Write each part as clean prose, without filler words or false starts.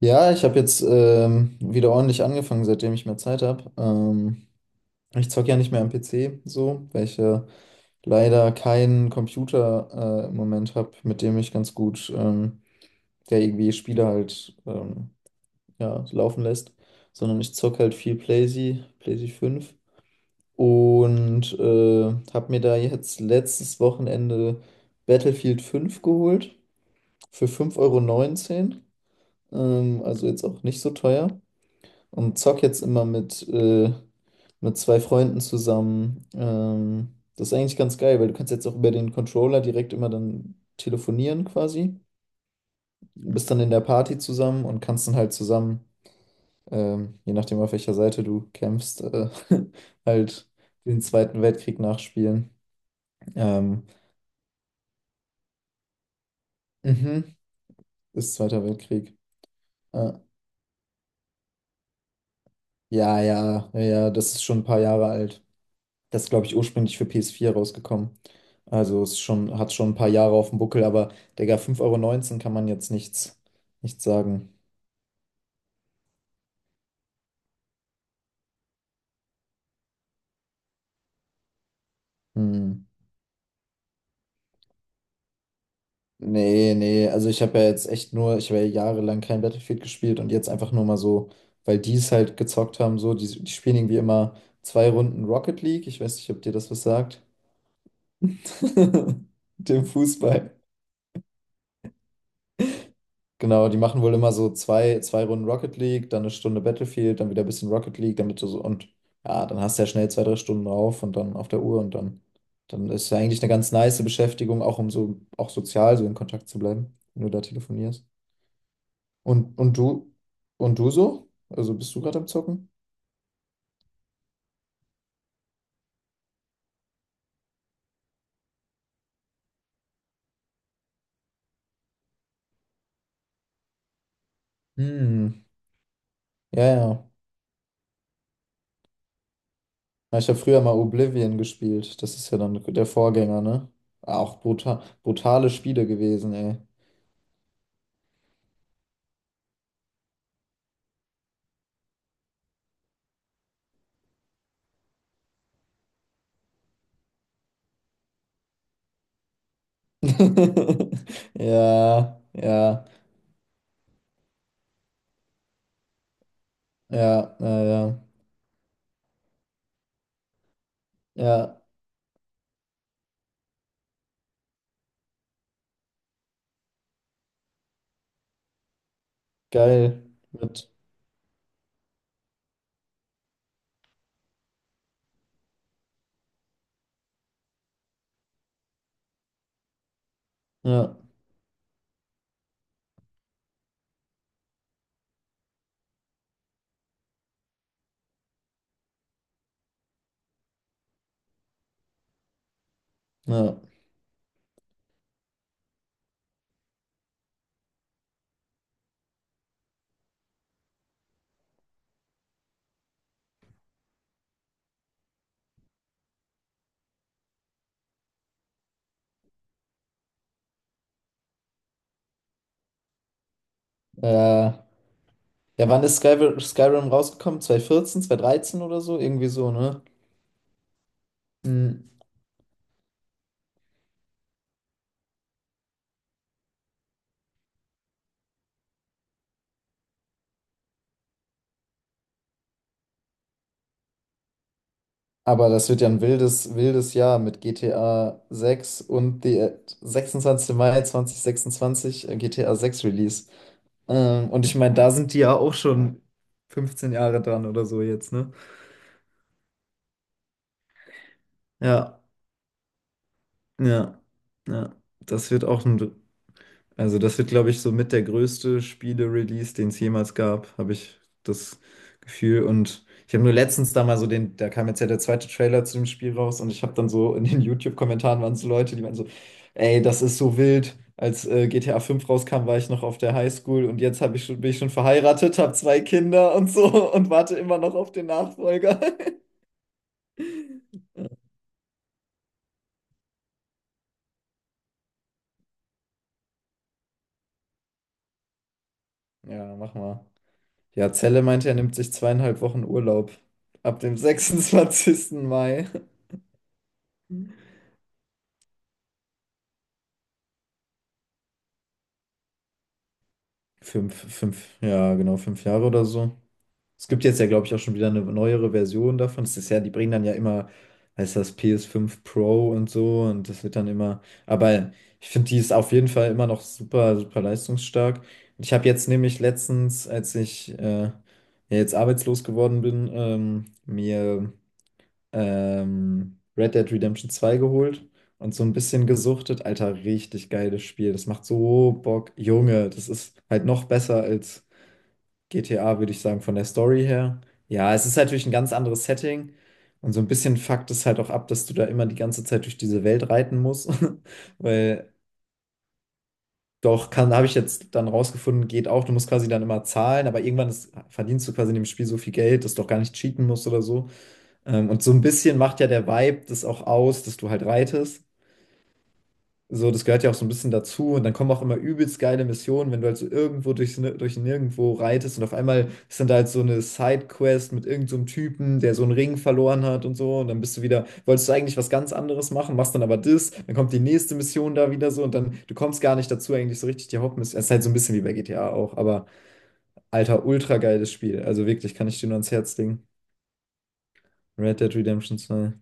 Ja, ich habe jetzt wieder ordentlich angefangen, seitdem ich mehr Zeit habe. Ich zocke ja nicht mehr am PC so, weil ich leider keinen Computer im Moment habe, mit dem ich ganz gut ja, irgendwie Spiele halt ja, laufen lässt, sondern ich zocke halt viel PlayZ 5 und habe mir da jetzt letztes Wochenende Battlefield 5 geholt für fünf Euro neunzehn. Also jetzt auch nicht so teuer. Und zock jetzt immer mit zwei Freunden zusammen. Das ist eigentlich ganz geil, weil du kannst jetzt auch über den Controller direkt immer dann telefonieren quasi. Du bist dann in der Party zusammen und kannst dann halt zusammen, je nachdem auf welcher Seite du kämpfst, halt den Zweiten Weltkrieg nachspielen. Ähm, mhm, ist Zweiter Weltkrieg. Äh, ja, ja, ja, ja, das ist schon ein paar Jahre alt. Das ist, glaube ich, ursprünglich für PS4 rausgekommen. Also es ist schon, hat schon ein paar Jahre auf dem Buckel, aber Digga, 5,19 € kann man jetzt nichts sagen. Hm. Nee, nee, also ich habe ja jahrelang kein Battlefield gespielt und jetzt einfach nur mal so, weil die es halt gezockt haben, so, die spielen irgendwie immer zwei Runden Rocket League. Ich weiß nicht, ob dir das was sagt. Mit dem Fußball. Genau, die machen wohl immer so zwei Runden Rocket League, dann eine Stunde Battlefield, dann wieder ein bisschen Rocket League, damit du so, und ja, dann hast du ja schnell zwei, drei Stunden drauf und dann auf der Uhr, und dann ist ja eigentlich eine ganz nice Beschäftigung, auch um so auch sozial so in Kontakt zu bleiben, wenn du da telefonierst. Und, und du, und du so? Also bist du gerade am Zocken? Hm, ja, ja. Ja, ich habe früher mal Oblivion gespielt. Das ist ja dann der Vorgänger, ne? Auch brutal, brutale Spiele gewesen, ey. Ja, ja. Ja, ja, ja. Ja, geil. Mit. Ja, ja. Ja, ja, wann ist Skyrim rausgekommen? 2014, dreizehn oder so? Irgendwie so, ne? Mhm. Aber das wird ja ein wildes, wildes Jahr mit GTA sechs, und die 26. Mai 2026, GTA 6 Release. Und ich meine, da sind die ja auch schon 15 Jahre dran oder so jetzt, ne? Ja, ja, ja. Das wird auch ein Also das wird, glaube ich, so mit der größte Spiele-Release, den es jemals gab, habe ich das Gefühl. Und ich habe nur letztens da mal so da kam jetzt ja der zweite Trailer zu dem Spiel raus, und ich habe dann so in den YouTube-Kommentaren waren so Leute, die meinten so: ey, das ist so wild. Als GTA 5 rauskam, war ich noch auf der Highschool, und jetzt bin ich schon verheiratet, habe zwei Kinder und so, und warte immer noch auf den Nachfolger. Ja, mach mal. Ja, Zelle meinte, er nimmt sich 2,5 Wochen Urlaub ab dem 26. Mai. Fünf, fünf, ja, genau, fünf Jahre oder so. Es gibt jetzt ja, glaube ich, auch schon wieder eine neuere Version davon. Es ist ja, die bringen dann ja immer, heißt das PS5 Pro und so, und das wird dann immer. Aber ich finde, die ist auf jeden Fall immer noch super, super leistungsstark. Und ich habe jetzt nämlich letztens, als ich ja, jetzt arbeitslos geworden bin, mir Red Dead Redemption zwei geholt und so ein bisschen gesuchtet. Alter, richtig geiles Spiel. Das macht so Bock. Junge, das ist halt noch besser als GTA, würde ich sagen, von der Story her. Ja, es ist natürlich ein ganz anderes Setting. Und so ein bisschen fuckt es halt auch ab, dass du da immer die ganze Zeit durch diese Welt reiten musst. Weil doch, kann, habe ich jetzt dann rausgefunden, geht auch. Du musst quasi dann immer zahlen, aber irgendwann ist, verdienst du quasi in dem Spiel so viel Geld, dass du auch gar nicht cheaten musst oder so. Und so ein bisschen macht ja der Vibe das auch aus, dass du halt reitest. So, das gehört ja auch so ein bisschen dazu. Und dann kommen auch immer übelst geile Missionen, wenn du halt so irgendwo durch Nirgendwo reitest und auf einmal ist dann da halt so eine Sidequest mit irgendeinem so einem Typen, der so einen Ring verloren hat und so. Und dann bist du wieder, wolltest du eigentlich was ganz anderes machen, machst dann aber das, dann kommt die nächste Mission da wieder so, und dann, du kommst gar nicht dazu, eigentlich so richtig die Hauptmission. Es ist halt so ein bisschen wie bei GTA auch, aber Alter, ultra geiles Spiel. Also wirklich, kann ich dir nur ans Herz legen. Red Dead Redemption 2.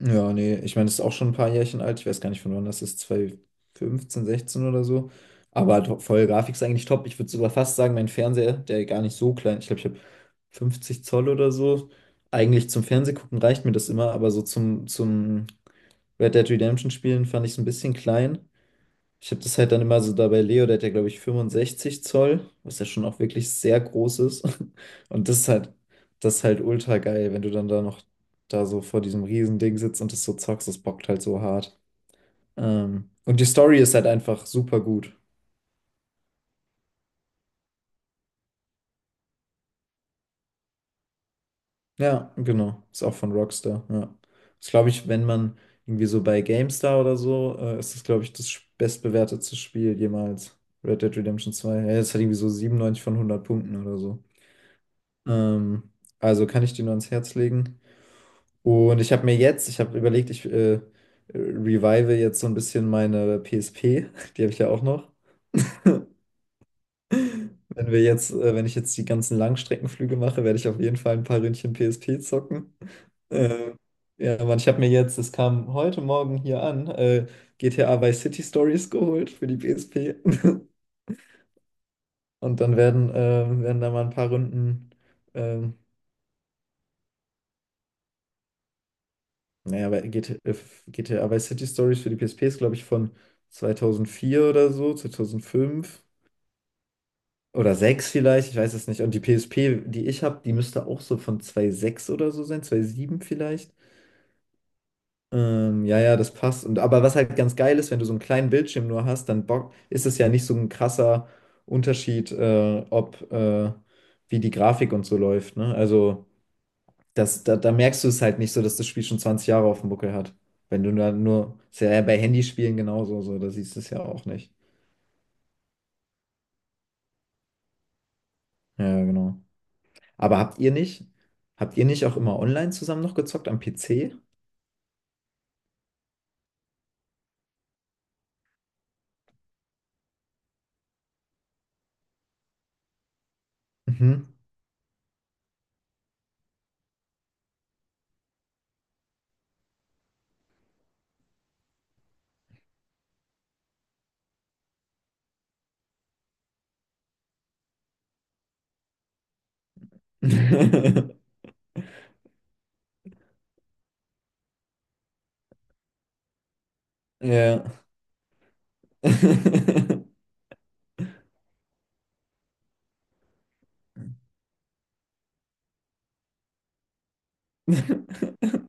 Ja, nee, ich meine, das ist auch schon ein paar Jährchen alt. Ich weiß gar nicht, von wann das ist, zwanzig fünfzehn sechzehn oder so. Aber halt voll, Grafik ist eigentlich top. Ich würde sogar fast sagen, mein Fernseher, der gar nicht so klein, ich glaube, ich habe 50 Zoll oder so. Eigentlich zum Fernsehgucken reicht mir das immer, aber so zum Red Dead Redemption Spielen fand ich es ein bisschen klein. Ich habe das halt dann immer so dabei, Leo, der hat ja, glaube ich, 65 Zoll, was ja schon auch wirklich sehr groß ist. Und das ist halt ultra geil, wenn du dann da noch da so vor diesem riesen Ding sitzt und das so zockst, das bockt halt so hart. Und die Story ist halt einfach super gut. Ja, genau. Ist auch von Rockstar, ja. Ist, glaube ich, wenn man irgendwie so bei GameStar oder so, ist das, glaube ich, das bestbewertetste Spiel jemals. Red Dead Redemption zwei. Ja, das hat irgendwie so 97 von 100 Punkten oder so. Ähm, also kann ich dir nur ans Herz legen. Und ich habe überlegt, ich revive jetzt so ein bisschen meine PSP. Die habe ich ja auch noch. Wenn ich jetzt die ganzen Langstreckenflüge mache, werde ich auf jeden Fall ein paar Ründchen PSP zocken. Äh, ja, Mann, ich habe mir jetzt, es kam heute Morgen hier an, GTA Vice City Stories geholt für die PSP. Und dann werden da mal ein paar Runden. ähm, Naja, weil GT äh, GTA Vice City Stories für die PSP ist, glaube ich, von 2004 oder so, 2005 oder 6 vielleicht, ich weiß es nicht. Und die PSP, die ich habe, die müsste auch so von 2006 oder so sein, 2007 vielleicht. Ja, ja, das passt. Aber was halt ganz geil ist, wenn du so einen kleinen Bildschirm nur hast, dann bock, ist es ja nicht so ein krasser Unterschied, ob wie die Grafik und so läuft, ne? Also. Da merkst du es halt nicht so, dass das Spiel schon 20 Jahre auf dem Buckel hat. Wenn du da nur, ist ja bei Handyspielen genauso, so, da siehst du es ja auch nicht. Ja, ja, genau. Aber habt ihr nicht auch immer online zusammen noch gezockt am PC? Mhm. Ja.